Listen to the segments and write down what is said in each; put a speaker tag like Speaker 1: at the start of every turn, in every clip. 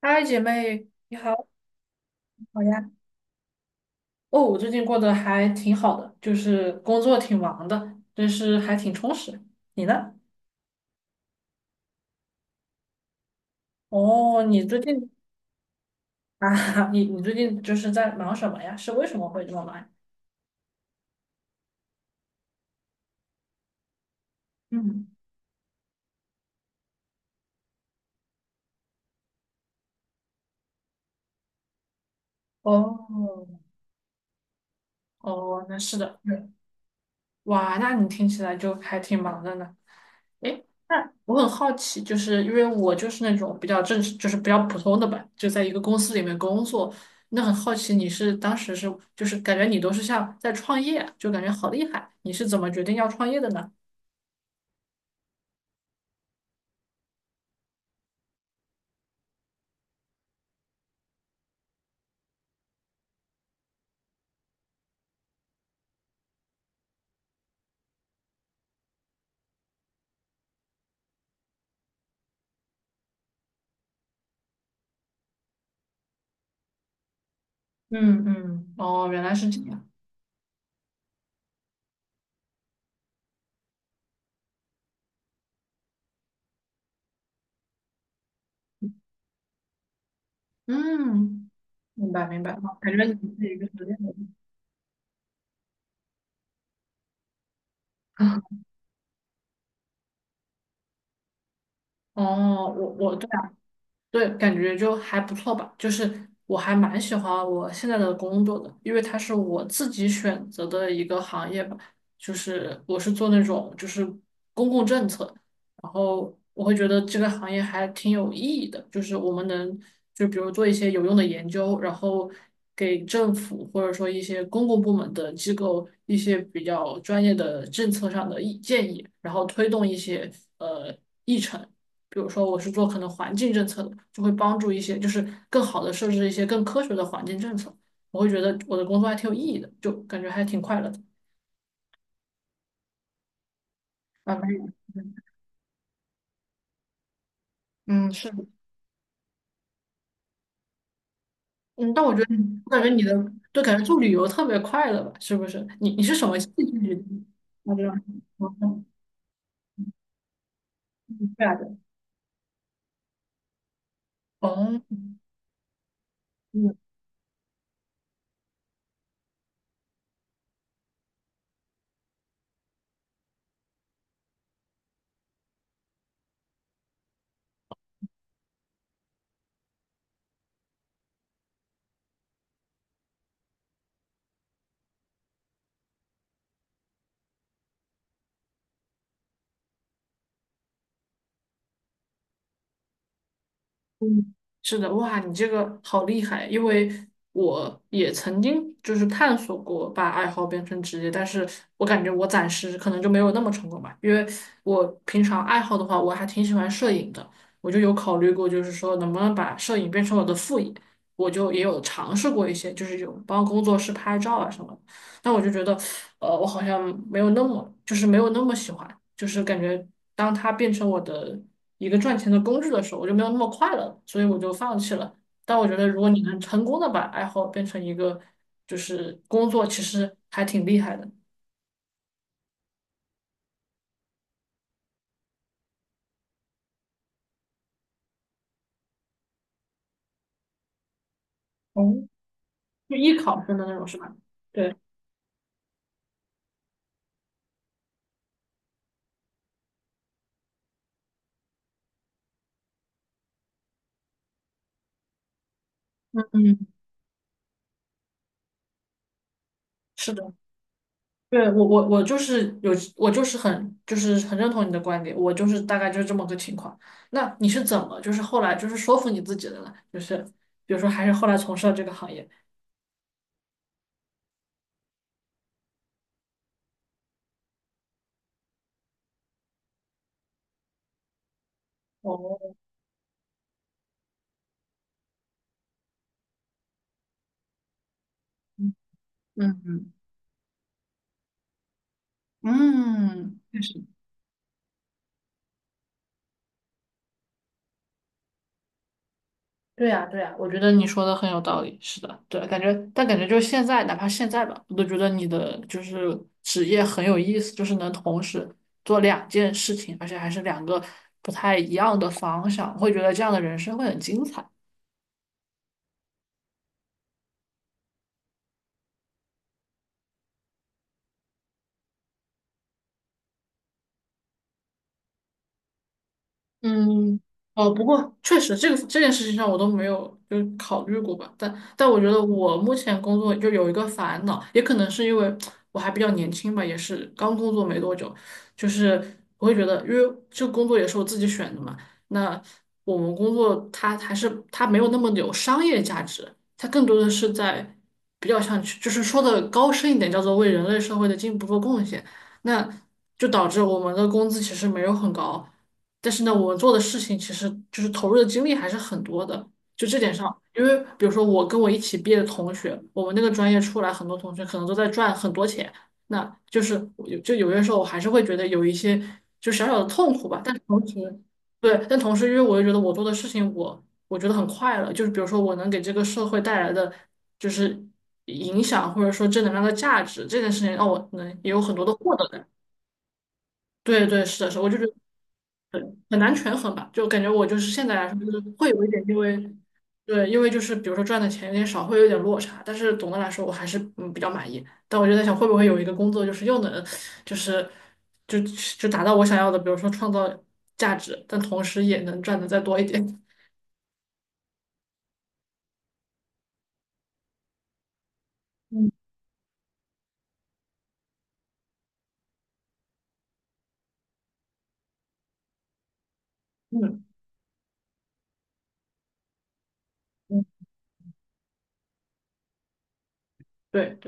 Speaker 1: 嗨，姐妹，你好，你好呀。哦，我最近过得还挺好的，就是工作挺忙的，但是还挺充实。你呢？哦，你最近啊。你最近就是在忙什么呀？是为什么会这么忙呀？嗯，哦，哦，那是的，对。哇，那你听起来就还挺忙的呢。诶，那我很好奇，就是因为我就是那种比较正式，就是比较普通的吧，就在一个公司里面工作。那很好奇，你是当时是就是感觉你都是像在创业，就感觉好厉害。你是怎么决定要创业的呢？嗯嗯哦，原来是这样。嗯，明白明白，感觉你自己就是一个很厉害的人。哦，我对对，感觉就还不错吧。就是我还蛮喜欢我现在的工作的，因为它是我自己选择的一个行业吧。就是我是做那种就是公共政策，然后我会觉得这个行业还挺有意义的。就是我们能就比如做一些有用的研究，然后给政府或者说一些公共部门的机构一些比较专业的政策上的意建议，然后推动一些呃议程。比如说我是做可能环境政策的，就会帮助一些，就是更好的设置一些更科学的环境政策。我会觉得我的工作还挺有意义的，就感觉还挺快乐的。慢慢，嗯，是的。嗯，但我觉得你，我感觉你的，就感觉做旅游特别快乐吧，是不是？你是什么兴趣决定？那就让我对啊对，哦，嗯嗯，是的。哇，你这个好厉害！因为我也曾经就是探索过把爱好变成职业，但是我感觉我暂时可能就没有那么成功吧。因为我平常爱好的话，我还挺喜欢摄影的，我就有考虑过，就是说能不能把摄影变成我的副业。我就也有尝试过一些，就是有帮工作室拍照啊什么的，但我就觉得，我好像没有那么，就是没有那么喜欢，就是感觉当它变成我的一个赚钱的工具的时候，我就没有那么快乐，所以我就放弃了。但我觉得，如果你能成功的把爱好变成一个就是工作，其实还挺厉害的。哦，就艺考生的那种，是吧？对。嗯，是的。对，我就是有，我就是很认同你的观点，我就是大概就是这么个情况。那你是怎么就是后来就是说服你自己的呢？就是比如说还是后来从事了这个行业。哦，嗯嗯嗯，确实。对呀，对呀，我觉得你说的很有道理。是的，对，感觉，但感觉就是现在，哪怕现在吧，我都觉得你的就是职业很有意思，就是能同时做两件事情，而且还是两个不太一样的方向，会觉得这样的人生会很精彩。嗯，哦，不过确实这个这件事情上我都没有就考虑过吧，但我觉得我目前工作就有一个烦恼，也可能是因为我还比较年轻吧，也是刚工作没多久，就是我会觉得，因为这个工作也是我自己选的嘛，那我们工作它还是它没有那么有商业价值，它更多的是在比较像就是说的高深一点，叫做为人类社会的进步做贡献，那就导致我们的工资其实没有很高。但是呢，我们做的事情其实就是投入的精力还是很多的。就这点上，因为比如说我跟我一起毕业的同学，我们那个专业出来很多同学可能都在赚很多钱，那就是我有就有些时候我还是会觉得有一些就小小的痛苦吧。但是同时，对，但同时因为我又觉得我做的事情我觉得很快乐，就是比如说我能给这个社会带来的就是影响或者说正能量的价值这件事情，让我能也有很多的获得感。对对，是的，是的，我就觉得。很很难权衡吧，就感觉我就是现在来说，就是会有一点，因为对，因为就是比如说赚的钱有点少，会有点落差，但是总的来说我还是比较满意。但我就在想，会不会有一个工作，就是又能就是就就达到我想要的，比如说创造价值，但同时也能赚的再多一点。嗯嗯嗯，对。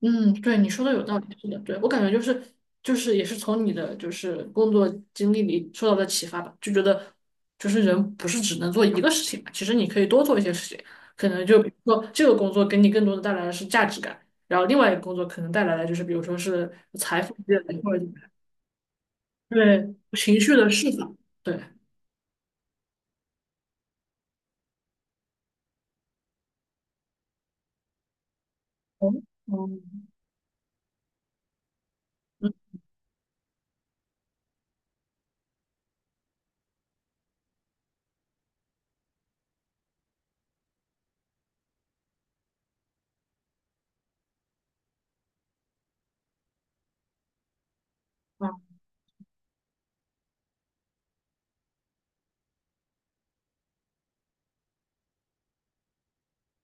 Speaker 1: 嗯，对，你说的有道理，是的，对，我感觉就是也是从你的就是工作经历里受到的启发吧，就觉得就是人不是只能做一个事情嘛，其实你可以多做一些事情，可能就比如说这个工作给你更多的带来的是价值感，然后另外一个工作可能带来的就是比如说是财富积累或者对情绪的释放，对，哦，嗯，嗯，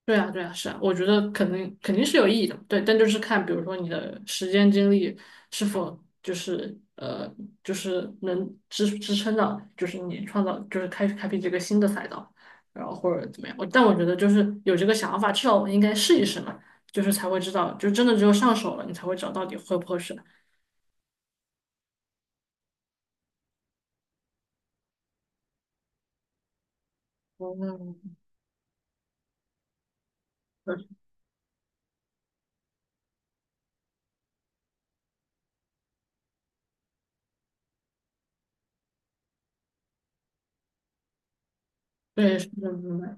Speaker 1: 对啊，对啊，是啊，我觉得肯定肯定是有意义的，对，但就是看，比如说你的时间精力是否就是就是能支撑到，就是你创造，就是开辟这个新的赛道，然后或者怎么样。但我觉得就是有这个想法，至少我们应该试一试嘛，就是才会知道，就真的只有上手了，你才会知道到底合不合适。嗯，对，对，是的，明白。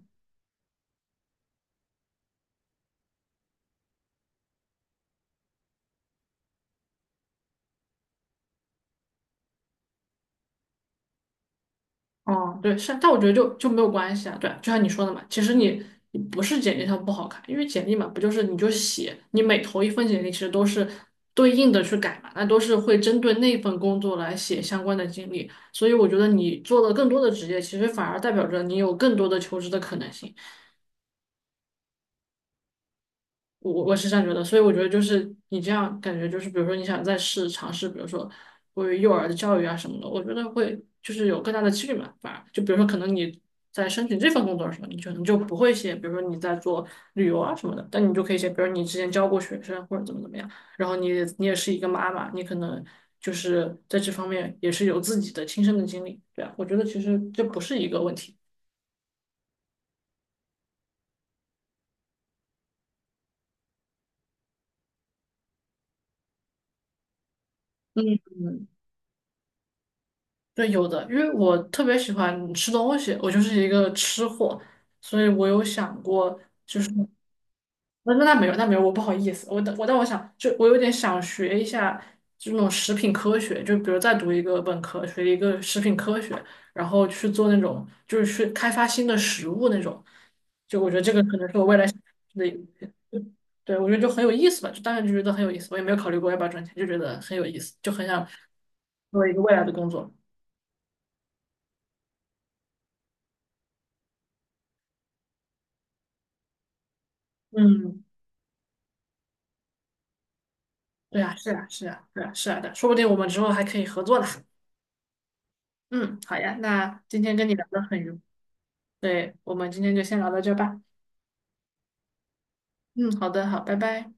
Speaker 1: 哦，对，是，但我觉得就没有关系啊。对啊，就像你说的嘛，其实你不是简历上不好看，因为简历嘛，不就是你就写，你每投一份简历，其实都是对应的去改嘛，那都是会针对那份工作来写相关的经历。所以我觉得你做了更多的职业，其实反而代表着你有更多的求职的可能性。我是这样觉得，所以我觉得就是你这样感觉就是，比如说你想再尝试，比如说关于幼儿的教育啊什么的，我觉得会就是有更大的几率嘛，反而就比如说可能你在申请这份工作的时候，你可能就不会写，比如说你在做旅游啊什么的，但你就可以写，比如你之前教过学生或者怎么怎么样，然后你也是一个妈妈，你可能就是在这方面也是有自己的亲身的经历，对啊，我觉得其实这不是一个问题。嗯。对，有的，因为我特别喜欢吃东西，我就是一个吃货，所以我有想过，那那那没有，那没有，我不好意思，我但我但我想，就我有点想学一下这种食品科学，就比如再读一个本科，学一个食品科学，然后去做那种就是去开发新的食物那种，就我觉得这个可能是我未来想的一个。对，我觉得就很有意思吧，就当时就觉得很有意思，我也没有考虑过要不要赚钱，就觉得很有意思，就很想做一个未来的工作。嗯。对啊，是啊，是啊，是啊，是啊的，说不定我们之后还可以合作呢。嗯，好呀，那今天跟你聊得很愉，对，我们今天就先聊到这儿吧。嗯，好的，好，拜拜。